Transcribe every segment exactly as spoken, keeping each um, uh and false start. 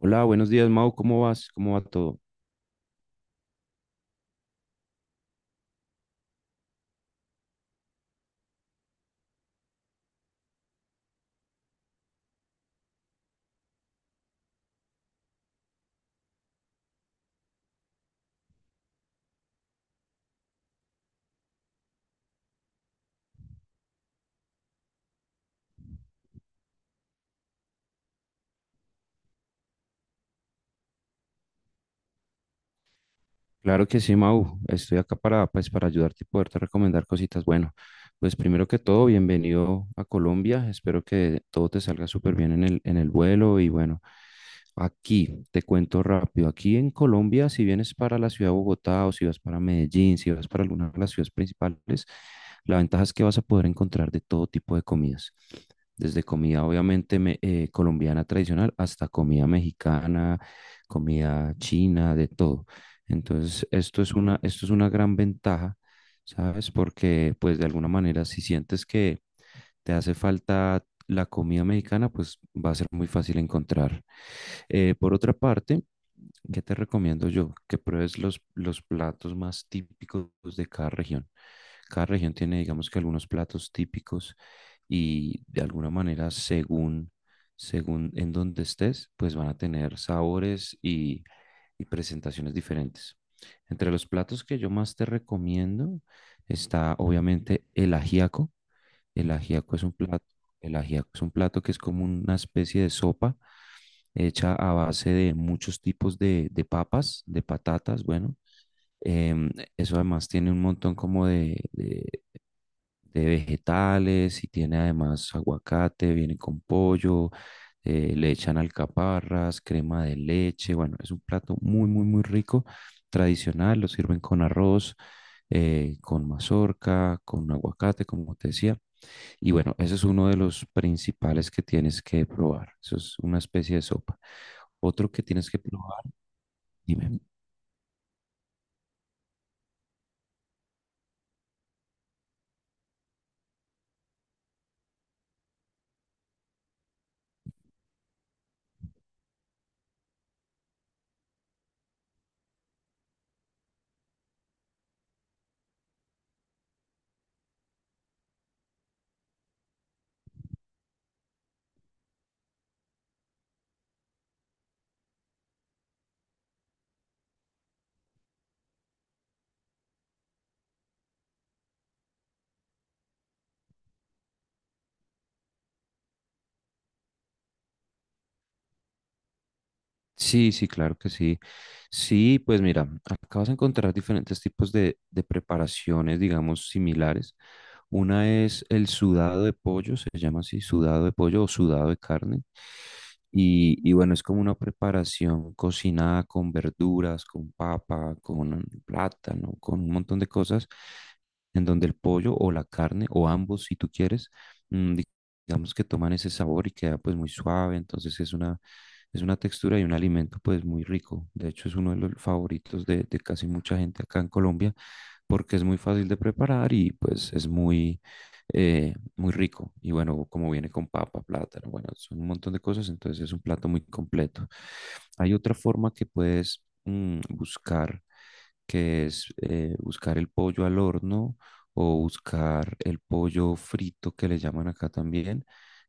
Hola, buenos días, Mau. ¿Cómo vas? ¿Cómo va todo? Claro que sí, Mau. Estoy acá para, pues, para ayudarte y poderte recomendar cositas. Bueno, pues primero que todo, bienvenido a Colombia. Espero que todo te salga súper bien en el, en el vuelo. Y bueno, aquí te cuento rápido. Aquí en Colombia, si vienes para la ciudad de Bogotá o si vas para Medellín, si vas para alguna de las ciudades principales, la ventaja es que vas a poder encontrar de todo tipo de comidas. Desde comida, obviamente, me- eh, colombiana tradicional hasta comida mexicana, comida china, de todo. Entonces, esto es una, esto es una gran ventaja, ¿sabes? Porque, pues, de alguna manera, si sientes que te hace falta la comida mexicana, pues va a ser muy fácil encontrar. Eh, por otra parte, ¿qué te recomiendo yo? Que pruebes los, los platos más típicos de cada región. Cada región tiene, digamos que, algunos platos típicos y, de alguna manera, según, según en donde estés, pues van a tener sabores y y presentaciones diferentes. Entre los platos que yo más te recomiendo está obviamente el ajiaco. El ajiaco es un plato, el ajiaco es un plato que es como una especie de sopa hecha a base de muchos tipos de, de papas, de patatas, bueno. Em, Eso además tiene un montón como de, de de vegetales y tiene además aguacate, viene con pollo, eh, le echan alcaparras, crema de leche, bueno, es un plato muy, muy, muy rico, tradicional, lo sirven con arroz, eh, con mazorca, con aguacate, como te decía, y bueno, ese es uno de los principales que tienes que probar, eso es una especie de sopa. Otro que tienes que probar, dime. Sí, sí, claro que sí. Sí, pues mira, acá vas a encontrar diferentes tipos de, de preparaciones, digamos, similares. Una es el sudado de pollo, se llama así, sudado de pollo o sudado de carne. Y, y bueno, es como una preparación cocinada con verduras, con papa, con plátano, con un montón de cosas, en donde el pollo o la carne, o ambos, si tú quieres, mm, digamos que toman ese sabor y queda pues muy suave, entonces es una, es una textura y un alimento pues muy rico. De hecho es uno de los favoritos de, de casi mucha gente acá en Colombia porque es muy fácil de preparar y pues es muy, eh, muy rico. Y bueno, como viene con papa, plátano, bueno, son un montón de cosas, entonces es un plato muy completo. Hay otra forma que puedes mm, buscar, que es eh, buscar el pollo al horno o buscar el pollo frito que le llaman acá también,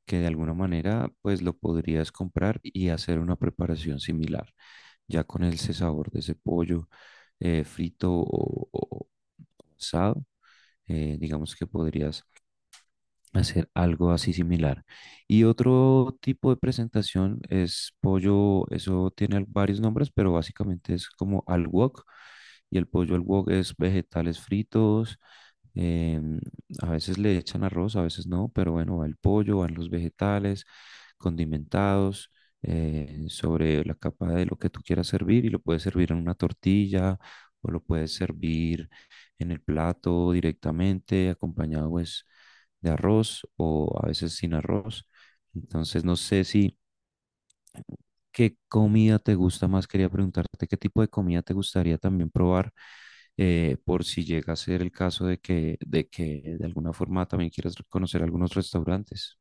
que de alguna manera pues lo podrías comprar y hacer una preparación similar, ya con ese sabor de ese pollo eh, frito o, o asado, eh, digamos que podrías hacer algo así similar. Y otro tipo de presentación es pollo, eso tiene varios nombres, pero básicamente es como al wok. Y el pollo al wok es vegetales fritos. Em, a veces le echan arroz, a veces no, pero bueno, va el pollo, van los vegetales condimentados eh, sobre la capa de lo que tú quieras servir, y lo puedes servir en una tortilla o lo puedes servir en el plato directamente, acompañado pues de arroz o a veces sin arroz. Entonces no sé si ¿qué comida te gusta más? Quería preguntarte qué tipo de comida te gustaría también probar, eh, por si llega a ser el caso de que, de que de alguna forma también quieras conocer algunos restaurantes.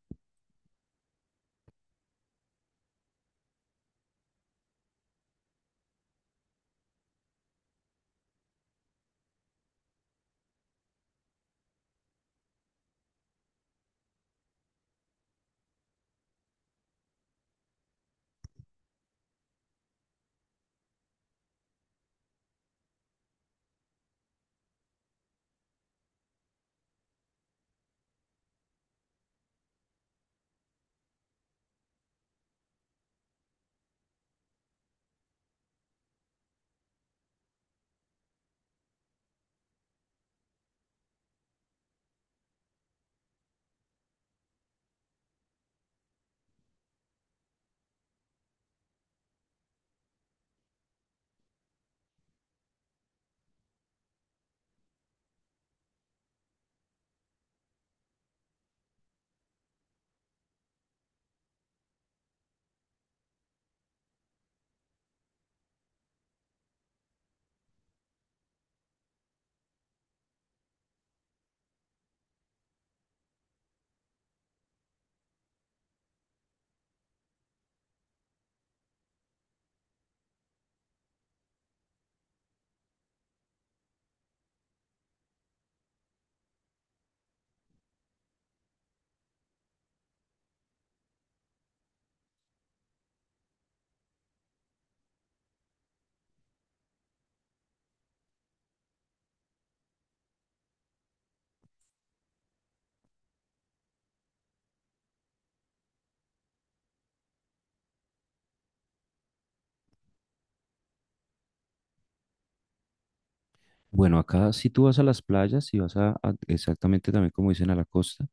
Bueno, acá si tú vas a las playas, si vas a, a- exactamente también como dicen a la costa,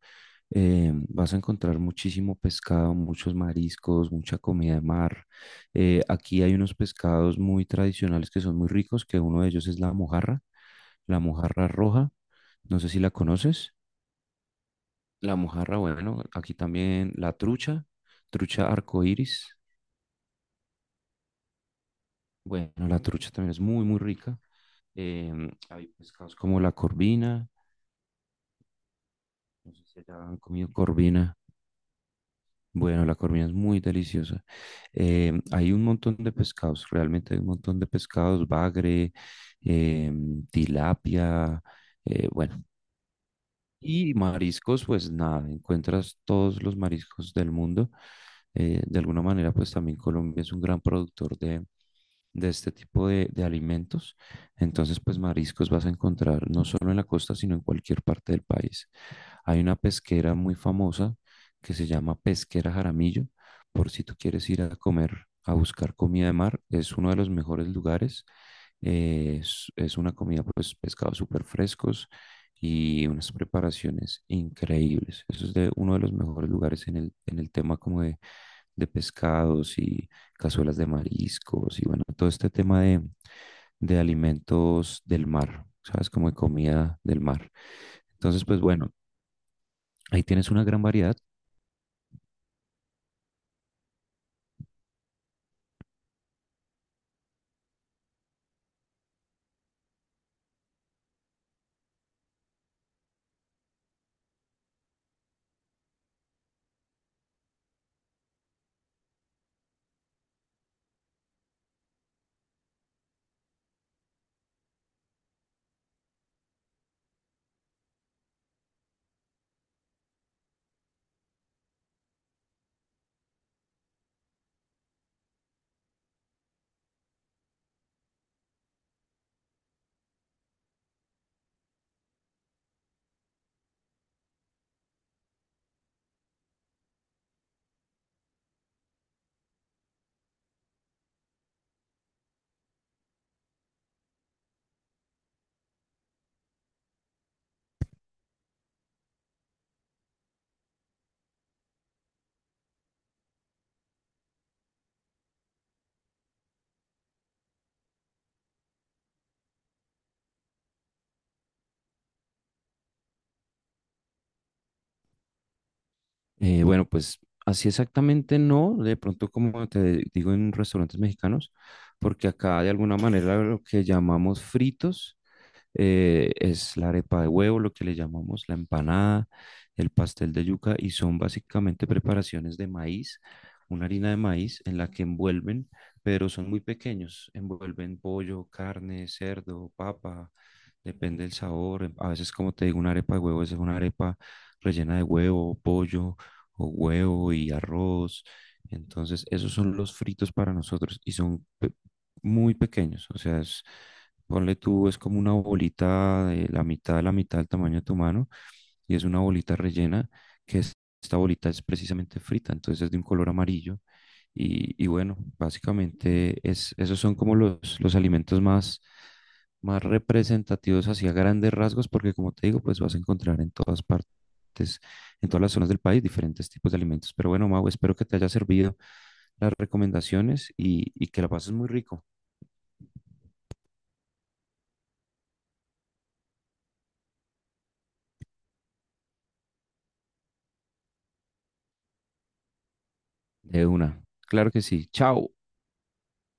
eh, vas a encontrar muchísimo pescado, muchos mariscos, mucha comida de mar. Eh, aquí hay unos pescados muy tradicionales que son muy ricos, que uno de ellos es la mojarra, la mojarra roja. No sé si la conoces. La mojarra, bueno, aquí también la trucha, trucha arcoíris. Bueno, la trucha también es muy, muy rica. Em, hay pescados como la corvina, no sé si ya han comido corvina. Bueno, la corvina es muy deliciosa. Em, hay un montón de pescados, realmente hay un montón de pescados, bagre, em, tilapia, eh, bueno. Y mariscos, pues nada, encuentras todos los mariscos del mundo. Eh, de alguna manera, pues también Colombia es un gran productor de, de este tipo de, de alimentos. Entonces, pues mariscos vas a encontrar no solo en la costa, sino en cualquier parte del país. Hay una pesquera muy famosa que se llama Pesquera Jaramillo, por si tú quieres ir a comer, a buscar comida de mar, es uno de los mejores lugares. Eh, es, es una comida, pues, pescados súper frescos y unas preparaciones increíbles. Eso es de uno de los mejores lugares en el, en el tema como de, de pescados y, cazuelas de mariscos y bueno, todo este tema de, de alimentos del mar, ¿sabes? Como de comida del mar. Entonces, pues bueno, ahí tienes una gran variedad. Eh, bueno, pues así exactamente no, de pronto como te digo en restaurantes mexicanos, porque acá de alguna manera lo que llamamos fritos eh, es la arepa de huevo, lo que le llamamos la empanada, el pastel de yuca, y son básicamente preparaciones de maíz, una harina de maíz en la que envuelven, pero son muy pequeños, envuelven pollo, carne, cerdo, papa, depende del sabor. em, A veces, como te digo, una arepa de huevo es una arepa rellena de huevo, pollo o huevo y arroz. Entonces, esos son los fritos para nosotros y son pe- muy pequeños, o sea, es, ponle tú, es como una bolita de la mitad de la mitad del tamaño de tu mano, y es una bolita rellena que es- esta bolita es precisamente frita, entonces es de un color amarillo y, y bueno, básicamente es, esos son como los, los alimentos más, más representativos hacia grandes rasgos porque como te digo, pues vas a encontrar en todas partes. En todas las zonas del país, diferentes tipos de alimentos. Pero bueno, Mau, espero que te haya servido las recomendaciones y, y que la pases muy rico. De una. Claro que sí. Chao.